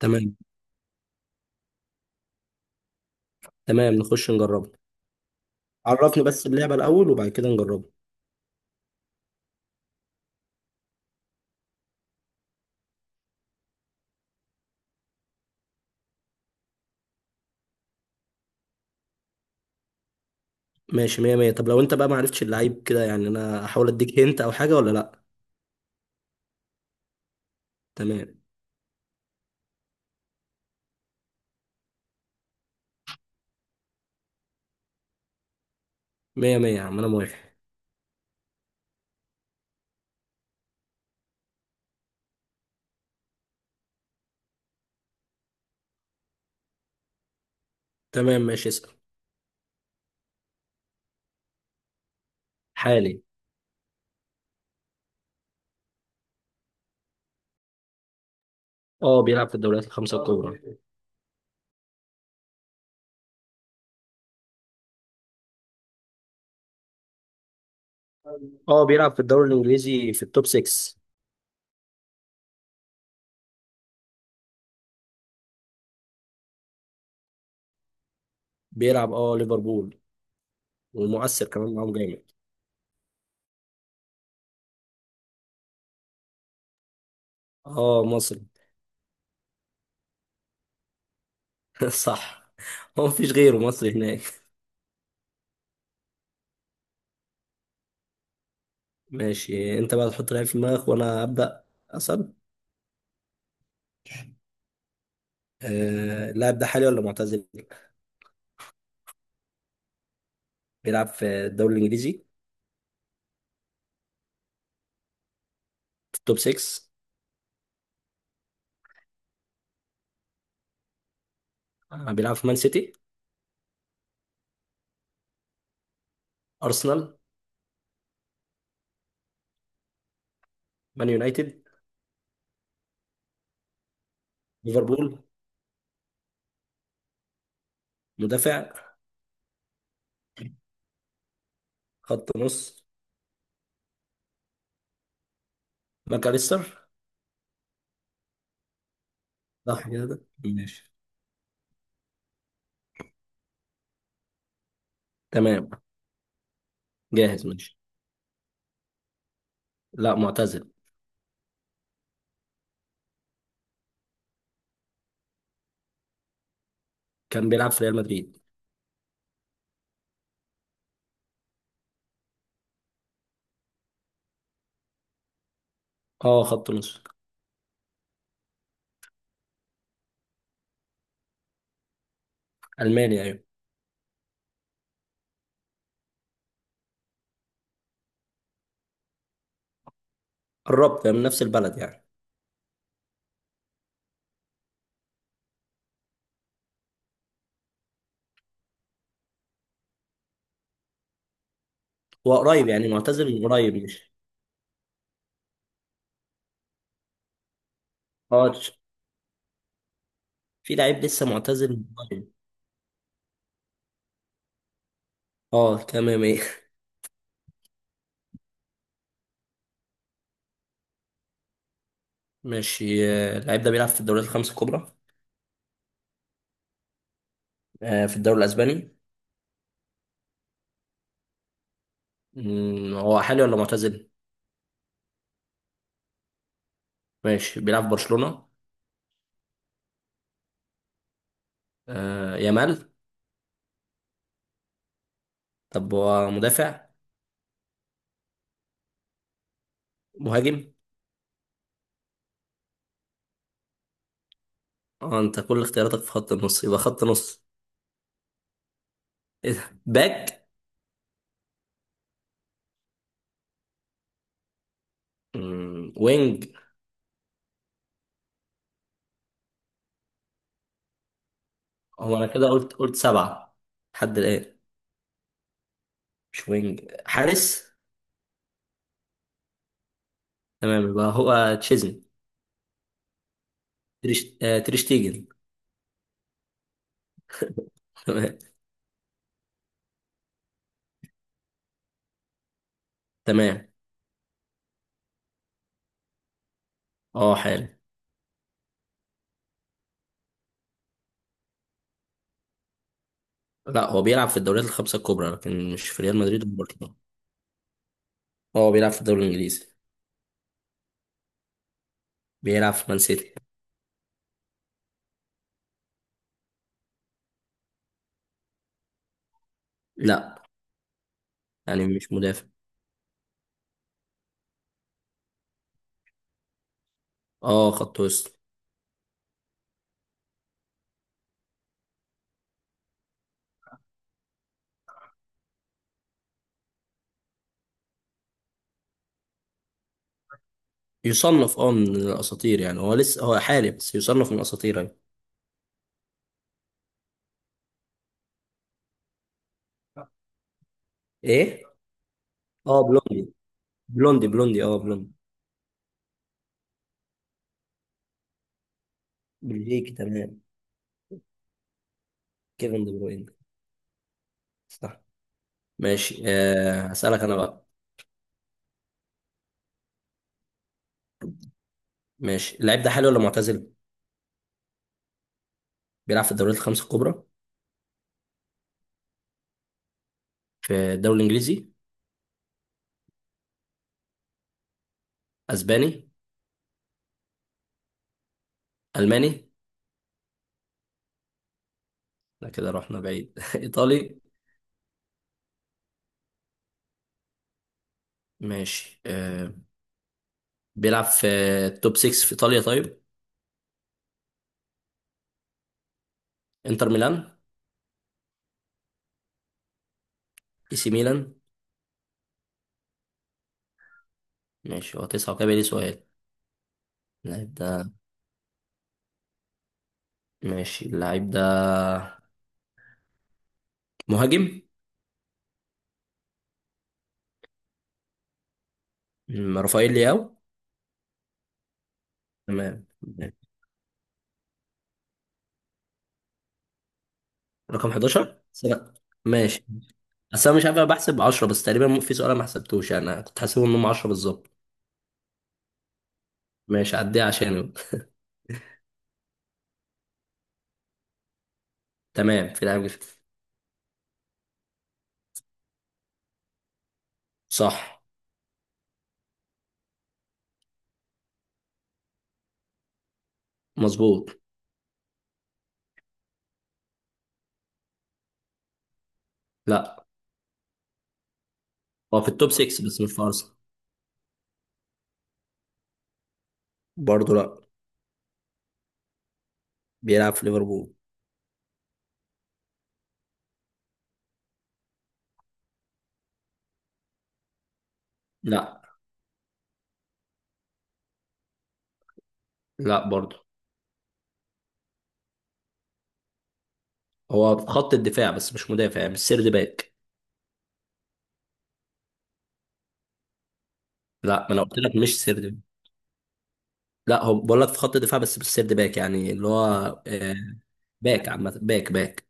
تمام. تمام، نخش نجربها. عرفني بس اللعبة الأول وبعد كده نجربها. ماشي، مية مية. طب لو أنت بقى معرفتش اللعيب كده يعني أنا أحاول أديك هنت أو حاجة، ولا لأ؟ تمام. مية مية يا عم، أنا موافق. تمام، ماشي، اسأل. حالي. أه، بيلعب في الدوريات الخمسة الكبرى. أه، بيلعب في الدوري الإنجليزي في التوب 6. بيلعب، أه، ليفربول. ومؤثر كمان معاهم جامد. أه، مصري. صح. هو مفيش غيره مصري هناك. ماشي، أنت بقى تحط لعيب في دماغك وأنا أبدأ أسأل. اللاعب ده حالي ولا معتزل؟ بيلعب في الدوري الانجليزي. في التوب 6. بيلعب في مان سيتي؟ ارسنال؟ مان يونايتد؟ ليفربول؟ مدافع؟ خط نص. ماكاليستر. صح كده؟ ماشي، تمام. جاهز. ماشي. لا، معتزل. كان بيلعب في ريال مدريد. اه، خط نص. الماني، ايوه. قربت يعني من نفس البلد يعني. هو قريب يعني، معتزل من قريب، مش... اه. في لعيب لسه معتزل من قريب. اه، تمام، ايه. ماشي. اللعيب ده بيلعب في الدوريات الخمس الكبرى. في الدوري الاسباني. هو حالي ولا معتزل؟ ماشي، بيلعب في برشلونة. آه، يامال. طب هو مدافع؟ مهاجم؟ اه، انت كل اختياراتك في خط النص، يبقى خط نص. ايه ده، باك؟ وينج؟ هو انا كده قلت سبعة لحد الآن. مش وينج، حارس. تمام، يبقى هو تشيزني. تريشتيجن. تمام. تمام. اه، حارس. لا، هو بيلعب في الدوريات الخمسة الكبرى لكن مش في ريال مدريد وبرشلونة. هو بيلعب في الدوري الإنجليزي. بيلعب في مان سيتي. لا، يعني مش مدافع. اه، خط وسط. يصنف اه من الاساطير يعني، هو لسه هو حالي بس يصنف من الاساطير يعني. ايه. اه، بلوندي بلوندي بلوندي اه بلوندي. بلجيكي، تمام. كيفن دي بروين. صح. ماشي، هسألك انا بقى. ماشي، اللاعب ده حالي ولا معتزل؟ بيلعب في الدوريات الخمسة الكبرى. في الدوري الانجليزي. اسباني. الماني. لا كده رحنا بعيد. ايطالي. ماشي. بيلعب في التوب 6 في ايطاليا، طيب. انتر ميلان؟ اي سي ميلان. ماشي، هو تسعة وكده بقى لي سؤال. اللاعب ده... ماشي، اللعيب ده مهاجم؟ رافائيل لياو. تمام. تمام. رقم 11 سنة؟ ماشي، بس انا مش عارف، انا بحسب 10 بس تقريبا، في سؤال أنا ما حسبتوش يعني. انا كنت حاسبهم انهم 10 بالظبط. ماشي، عديها عشانه. تمام، في لعيب صح، مظبوط. لا، هو في التوب 6 بس مش في ارسنال. برضه لا. بيلعب في ليفربول. لا. لا برضه. هو في خط الدفاع بس مش مدافع، يعني مش سيرد باك. لا، ما انا قلت لك مش سيرد باك. لا، هو بقول لك في خط الدفاع بس مش سيرد باك، يعني اللي هو... آه، باك عامة، باك باك.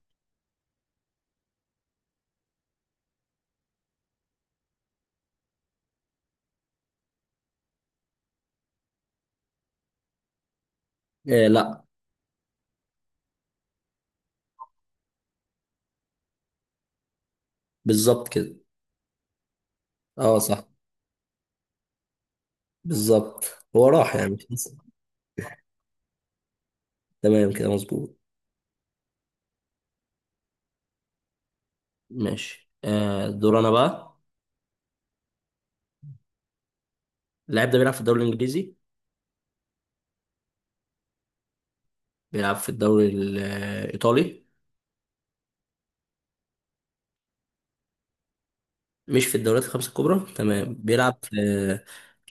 إيه لا. بالظبط كده. اه، صح، بالظبط. هو راح يعني، مش لسه. تمام كده، مظبوط. ماشي، دور انا بقى. اللاعب ده بيلعب في الدوري الانجليزي؟ بيلعب في الدوري الايطالي؟ مش في الدوريات الخمسة الكبرى، تمام. بيلعب في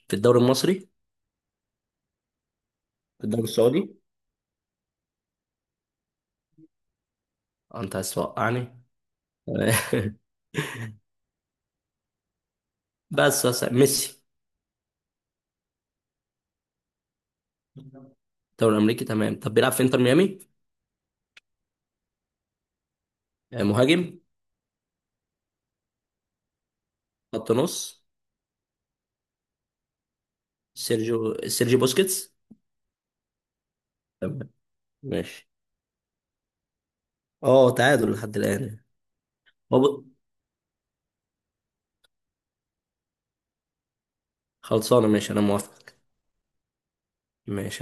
في الدوري المصري؟ في الدوري السعودي؟ آه، انت عايز توقعني. تمام. بس ميسي؟ الدوري الامريكي، تمام. طب بيلعب في انتر ميامي. آه، مهاجم؟ خط نص. سيرجيو بوسكيتس. تمام. ماشي. اه، تعادل لحد الآن. وب... خلصانة، ماشي، أنا موافق. ماشي.